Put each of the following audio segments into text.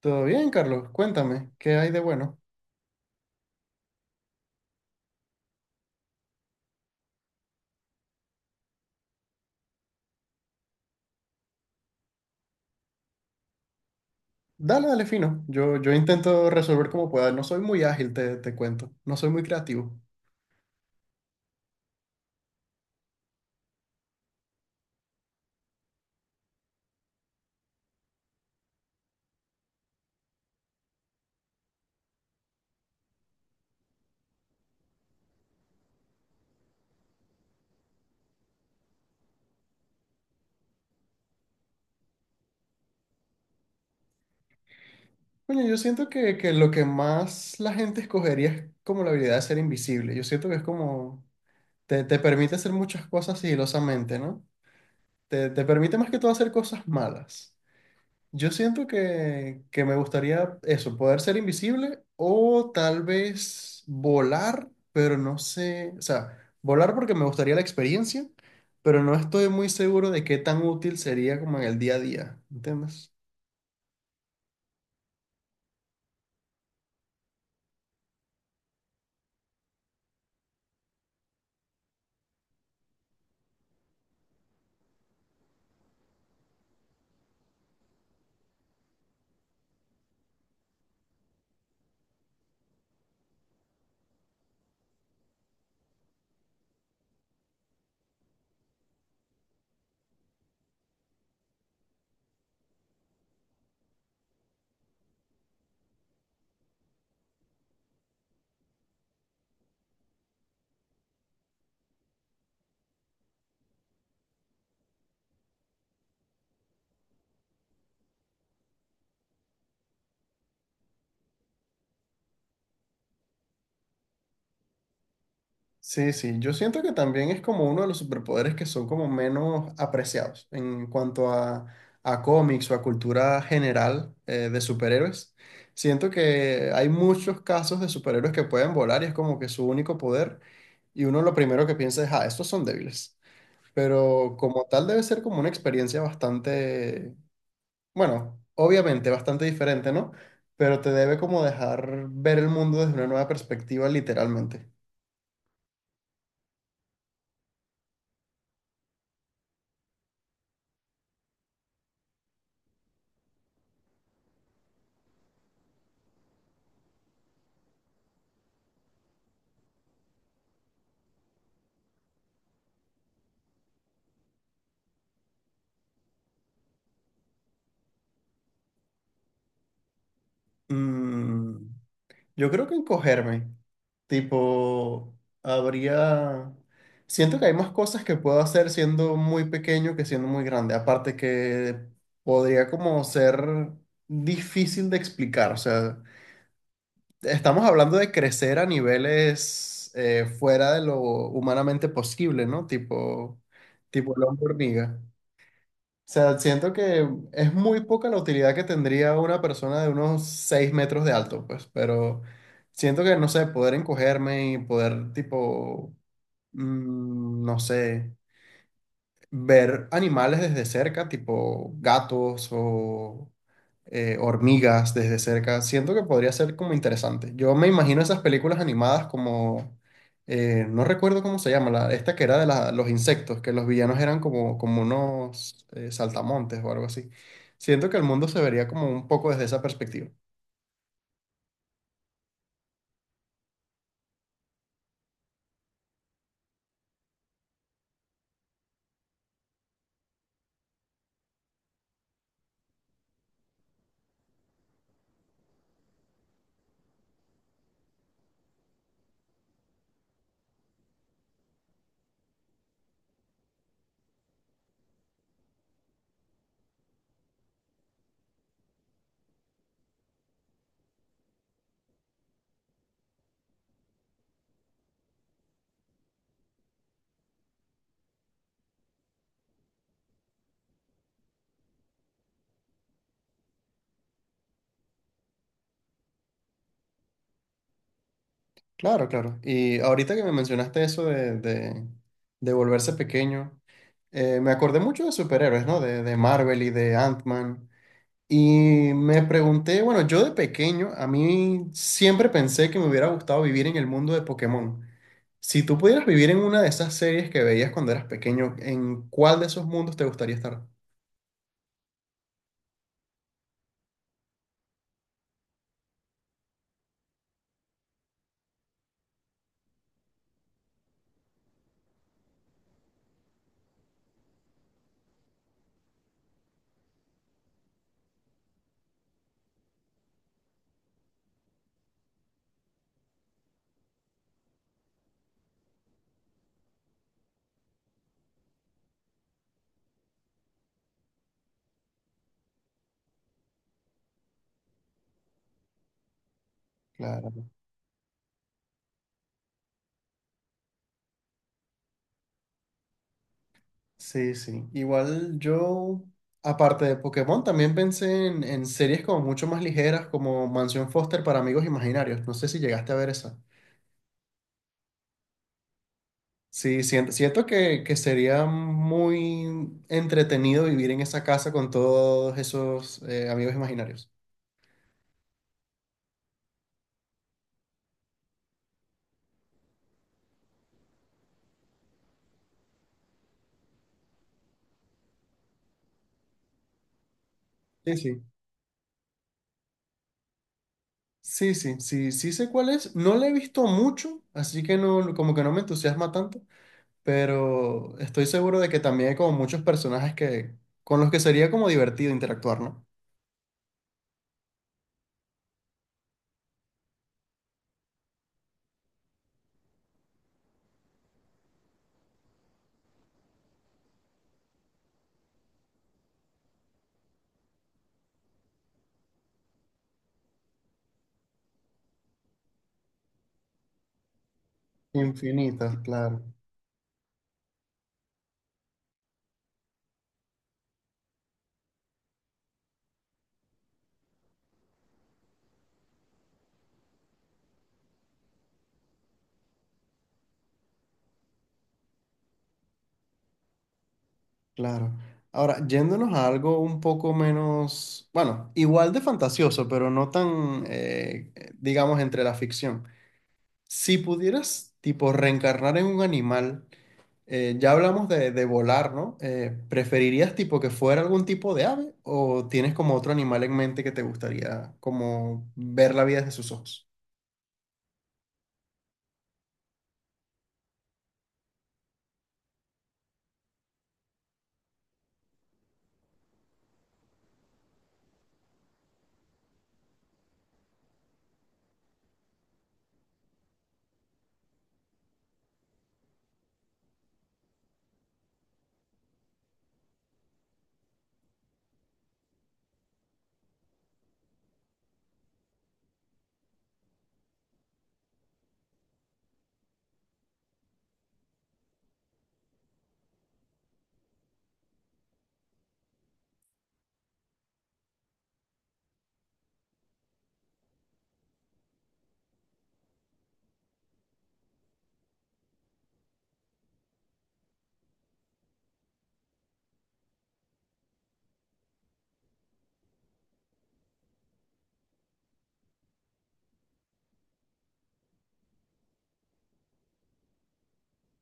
Todo bien, Carlos. Cuéntame, ¿qué hay de bueno? Dale, dale, fino. Yo intento resolver como pueda. No soy muy ágil, te cuento. No soy muy creativo. Bueno, yo siento que lo que más la gente escogería es como la habilidad de ser invisible. Yo siento que es como... Te permite hacer muchas cosas sigilosamente, ¿no? Te permite más que todo hacer cosas malas. Yo siento que me gustaría eso, poder ser invisible o tal vez volar, pero no sé, o sea, volar porque me gustaría la experiencia, pero no estoy muy seguro de qué tan útil sería como en el día a día, ¿entiendes? Sí, sí, yo siento que también es como uno de los superpoderes que son como menos apreciados en cuanto a cómics o a cultura general de superhéroes. Siento que hay muchos casos de superhéroes que pueden volar y es como que su único poder y uno lo primero que piensa es, ah, estos son débiles. Pero como tal debe ser como una experiencia bastante, bueno, obviamente bastante diferente, ¿no? Pero te debe como dejar ver el mundo desde una nueva perspectiva literalmente. Mm, Yo creo que encogerme, tipo, habría... Siento que hay más cosas que puedo hacer siendo muy pequeño que siendo muy grande. Aparte que podría como ser difícil de explicar. O sea, estamos hablando de crecer a niveles fuera de lo humanamente posible, ¿no? Tipo, tipo la hormiga. O sea, siento que es muy poca la utilidad que tendría una persona de unos 6 metros de alto, pues, pero siento que, no sé, poder encogerme y poder, tipo, no sé ver animales desde cerca, tipo gatos o hormigas desde cerca, siento que podría ser como interesante. Yo me imagino esas películas animadas como, no recuerdo cómo se llama, la, esta que era de los insectos, que los villanos eran como, como unos saltamontes o algo así. Siento que el mundo se vería como un poco desde esa perspectiva. Claro, claro. Y ahorita que me mencionaste eso de volverse pequeño, me acordé mucho de superhéroes, ¿no? De Marvel y de Ant-Man. Y me pregunté, bueno, yo de pequeño, a mí siempre pensé que me hubiera gustado vivir en el mundo de Pokémon. Si tú pudieras vivir en una de esas series que veías cuando eras pequeño, ¿en cuál de esos mundos te gustaría estar? Claro. Sí, sí. Igual yo, aparte de Pokémon, también pensé en series como mucho más ligeras, como Mansión Foster para amigos imaginarios. No sé si llegaste a ver esa. Sí, siento, siento que sería muy entretenido vivir en esa casa con todos esos amigos imaginarios. Sí, sí. Sí, sí, sí, sí sé cuál es. No la he visto mucho, así que no, como que no me entusiasma tanto, pero estoy seguro de que también hay como muchos personajes que, con los que sería como divertido interactuar, ¿no? Infinitas, claro. Claro. Ahora, yéndonos a algo un poco menos, bueno, igual de fantasioso, pero no tan, digamos, entre la ficción. Si pudieras, tipo, reencarnar en un animal, ya hablamos de volar, ¿no? ¿Preferirías, tipo, que fuera algún tipo de ave o tienes como otro animal en mente que te gustaría, como, ver la vida desde sus ojos?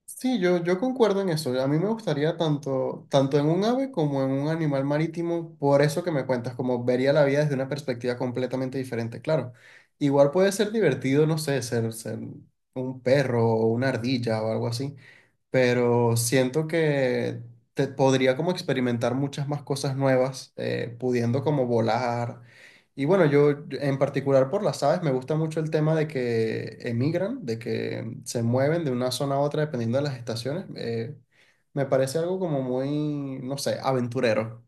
Sí, yo concuerdo en eso. A mí me gustaría tanto, tanto en un ave como en un animal marítimo, por eso que me cuentas, como vería la vida desde una perspectiva completamente diferente, claro. Igual puede ser divertido, no sé, ser, ser un perro o una ardilla o algo así, pero siento que te podría como experimentar muchas más cosas nuevas, pudiendo como volar y bueno, yo en particular por las aves me gusta mucho el tema de que emigran, de que se mueven de una zona a otra dependiendo de las estaciones. Me parece algo como muy, no sé, aventurero,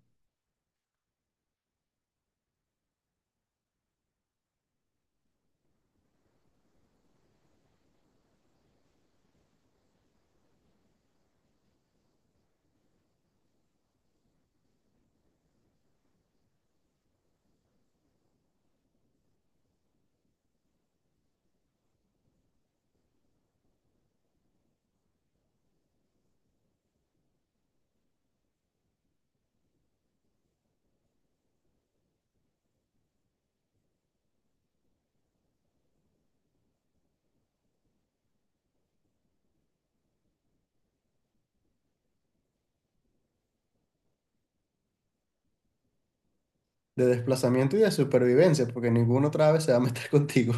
de desplazamiento y de supervivencia, porque ninguna otra ave se va a meter contigo.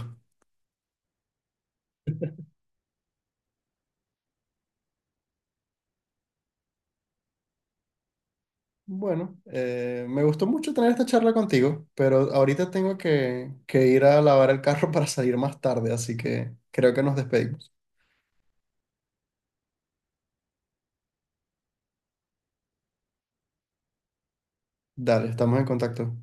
Bueno, me gustó mucho tener esta charla contigo, pero ahorita tengo que ir a lavar el carro para salir más tarde, así que creo que nos despedimos. Dale, estamos en contacto.